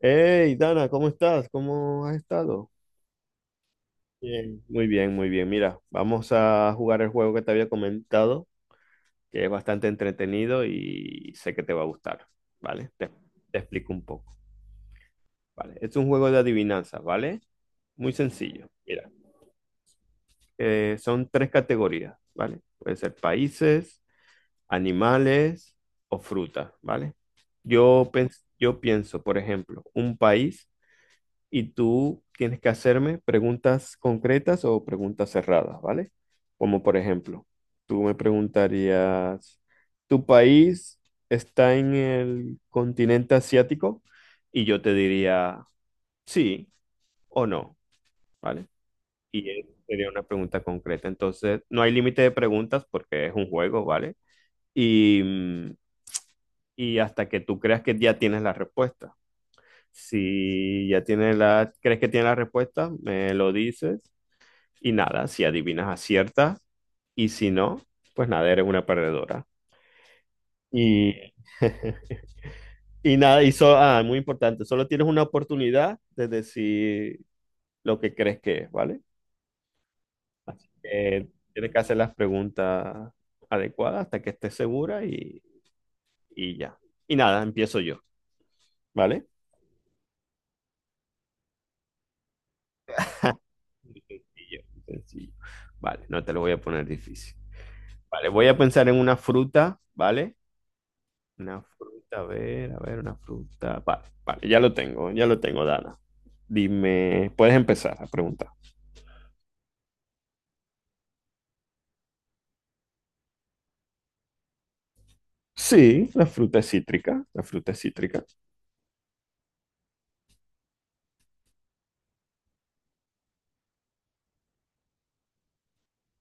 Hey, Dana, ¿cómo estás? ¿Cómo has estado? Bien, muy bien, muy bien. Mira, vamos a jugar el juego que te había comentado, que es bastante entretenido y sé que te va a gustar, ¿vale? Te explico un poco, ¿vale? Es un juego de adivinanzas, ¿vale? Muy sencillo. Mira, son tres categorías, ¿vale? Puede ser países, animales o frutas, ¿vale? Yo pienso, por ejemplo, un país y tú tienes que hacerme preguntas concretas o preguntas cerradas, ¿vale? Como por ejemplo, tú me preguntarías, ¿tu país está en el continente asiático? Y yo te diría, sí o no, ¿vale? Y sería una pregunta concreta. Entonces, no hay límite de preguntas porque es un juego, ¿vale? Y, mm, y hasta que tú creas que ya tienes la respuesta. Si ya crees que tienes la respuesta, me lo dices. Y nada, si adivinas, aciertas. Y si no, pues nada, eres una perdedora. Y y nada, ah, muy importante, solo tienes una oportunidad de decir lo que crees que es, ¿vale? Así que tienes que hacer las preguntas adecuadas hasta que estés segura y ya. Y nada, empiezo yo, ¿vale? Muy sencillo, muy sencillo. Vale, no te lo voy a poner difícil. Vale, voy a pensar en una fruta, ¿vale? Una fruta, a ver, una fruta. Vale, vale, ya lo tengo, Dana. Dime, puedes empezar a preguntar. Sí, la fruta es cítrica, la fruta es cítrica.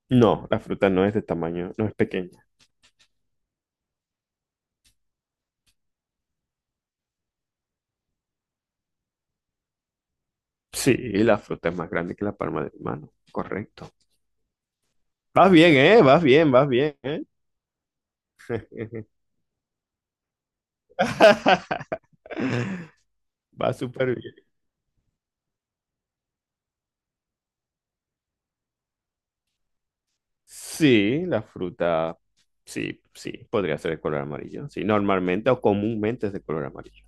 No, la fruta no es de tamaño, no es pequeña. Sí, la fruta es más grande que la palma de mi mano, correcto. Vas bien, ¿eh? Vas bien, ¿eh? Va súper bien. Sí, la fruta, sí, sí, podría ser de color amarillo. Sí, normalmente o comúnmente es de color amarillo.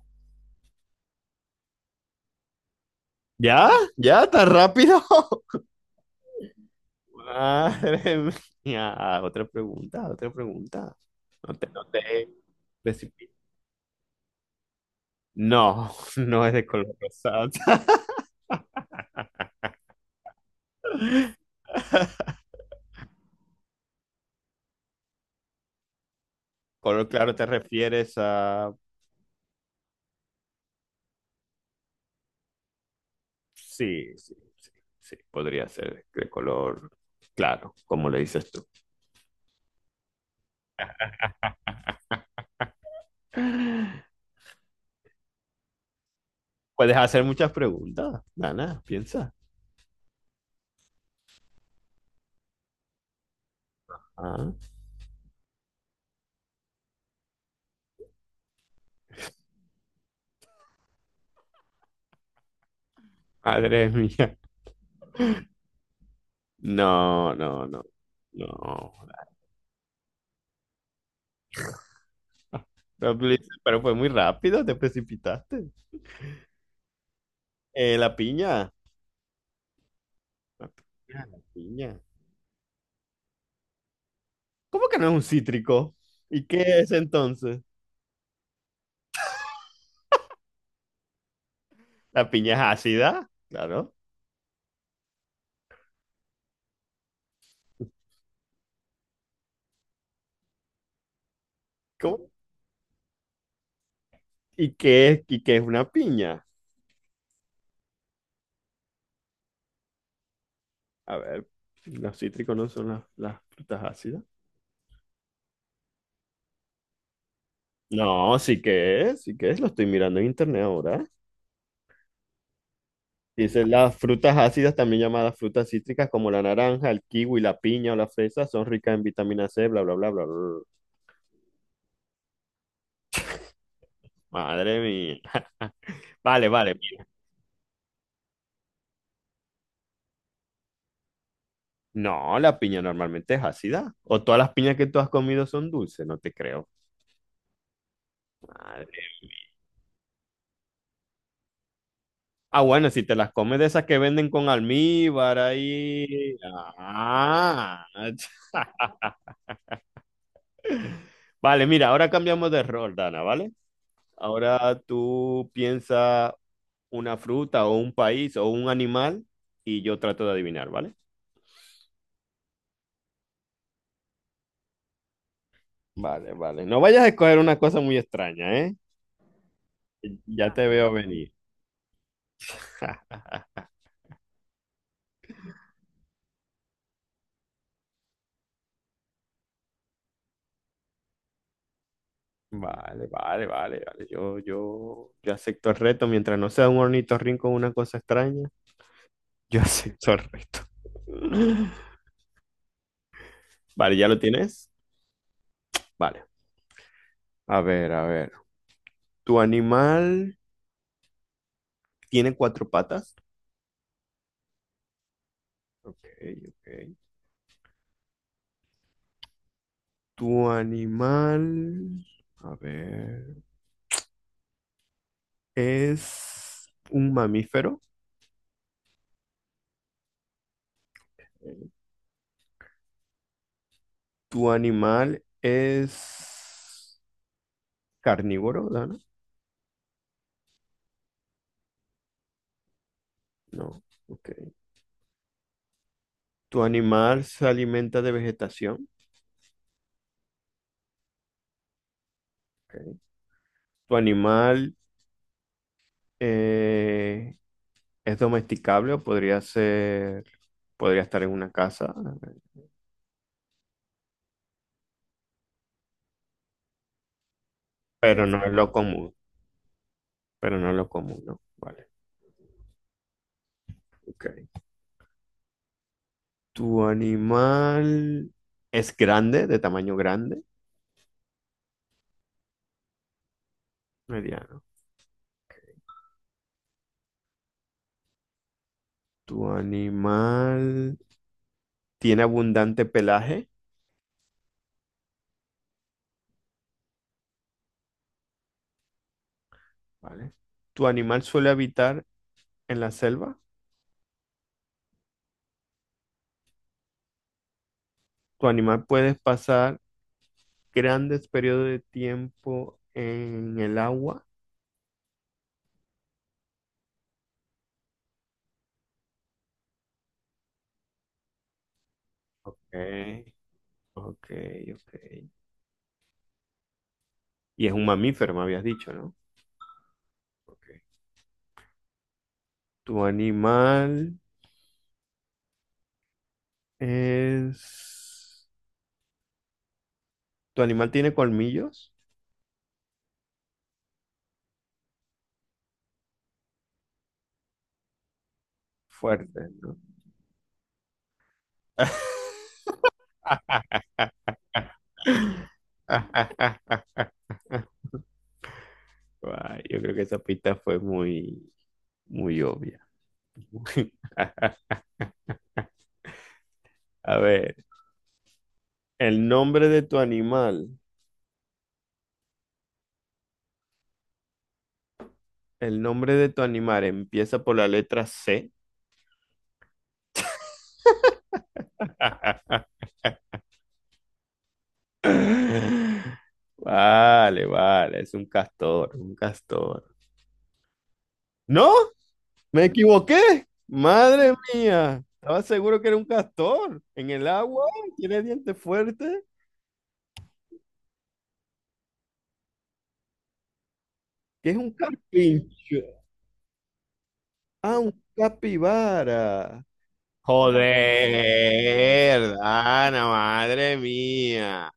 ¿Ya? ¿Ya? ¿Tan rápido? Madre mía. Otra pregunta, otra pregunta. No te precipites. No, no es de color rosado. Color claro te refieres a... Sí, sí, sí, sí, podría ser de color claro, como le dices tú. Puedes hacer muchas preguntas, Dana, piensa. Ah, madre mía. No, no, no, no. Pero le dice, "Pero fue muy rápido, te precipitaste." La piña. La piña, la piña. ¿Cómo que no es un cítrico? ¿Y qué es entonces? La piña es ácida, claro. ¿Cómo? Y qué es una piña? A ver, los cítricos no son las frutas ácidas. No, sí que es, lo estoy mirando en internet ahora. Dice, las frutas ácidas, también llamadas frutas cítricas, como la naranja, el kiwi, la piña o la fresa, son ricas en vitamina C, bla, bla, bla, bla, bla, bla. Madre mía. Vale, vale, bien. No, la piña normalmente es ácida. O todas las piñas que tú has comido son dulces, no te creo. Madre. Ah, bueno, si te las comes de esas que venden con almíbar ahí. Ah. Vale, mira, ahora cambiamos de rol, Dana, ¿vale? Ahora tú piensas una fruta o un país o un animal y yo trato de adivinar, ¿vale? Vale, vale. No vayas a escoger una cosa muy extraña, ¿eh? Ya te veo venir. Vale, vale, vale, vale. Yo acepto el reto. Mientras no sea un ornitorrinco o una cosa extraña, yo acepto el reto. Vale, ¿ya lo tienes? Vale. A ver, a ver. ¿Tu animal tiene cuatro patas? Ok, ok. ¿Tu animal, a ver, es un mamífero? ¿Tu animal es carnívoro, Dana? No. Ok. ¿Tu animal se alimenta de vegetación? Ok. ¿Tu animal eh, es domesticable podría estar en una casa? Pero no es lo común, pero no es lo común, ¿no? Vale, ok. ¿Tu animal es grande, de tamaño grande? Mediano. ¿Tu animal tiene abundante pelaje? Vale. ¿Tu animal suele habitar en la selva? ¿Tu animal puede pasar grandes periodos de tiempo en el agua? Ok, ok, ok. Y es un mamífero, me habías dicho, ¿no? Ok. ¿Tu animal es... ¿Tu animal tiene colmillos? Fuertes, ¿no? Guay, yo creo que esa pista fue muy, muy obvia. A ver, el nombre de tu animal, el nombre de tu animal empieza por la letra C. Vale, vale, es un castor, un castor. No, me equivoqué. Madre mía, estaba seguro que era un castor. En el agua, tiene dientes fuertes. ¿Qué es un carpincho? Ah, un capibara. Joder, Ana, madre mía.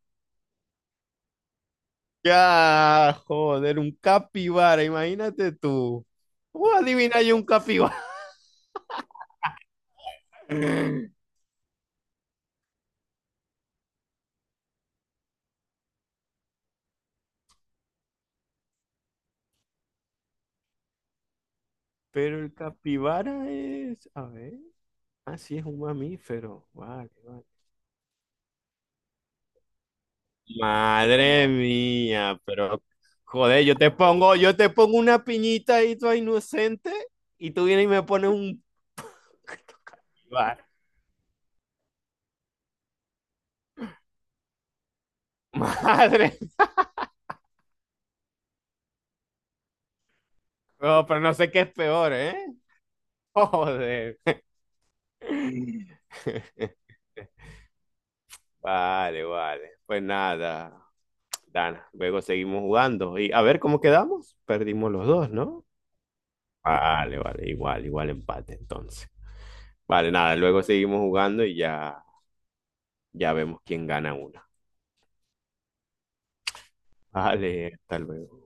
Ya, joder, un capibara, imagínate tú. ¿Cómo adivina yo un capibara? Pero el capibara es, a ver, ah, sí, es un mamífero. Vale, vale. Madre mía, pero joder, yo te pongo una piñita ahí toda inocente y tú vienes y me pones un pibar. Madre, no, pero no sé qué es peor, ¿eh? Joder. Vale, vale. Pues nada, Dana, luego seguimos jugando y a ver cómo quedamos. Perdimos los dos, ¿no? Vale, vale, igual, igual empate entonces. Vale, nada, luego seguimos jugando y ya, ya vemos quién gana una. Vale, hasta luego.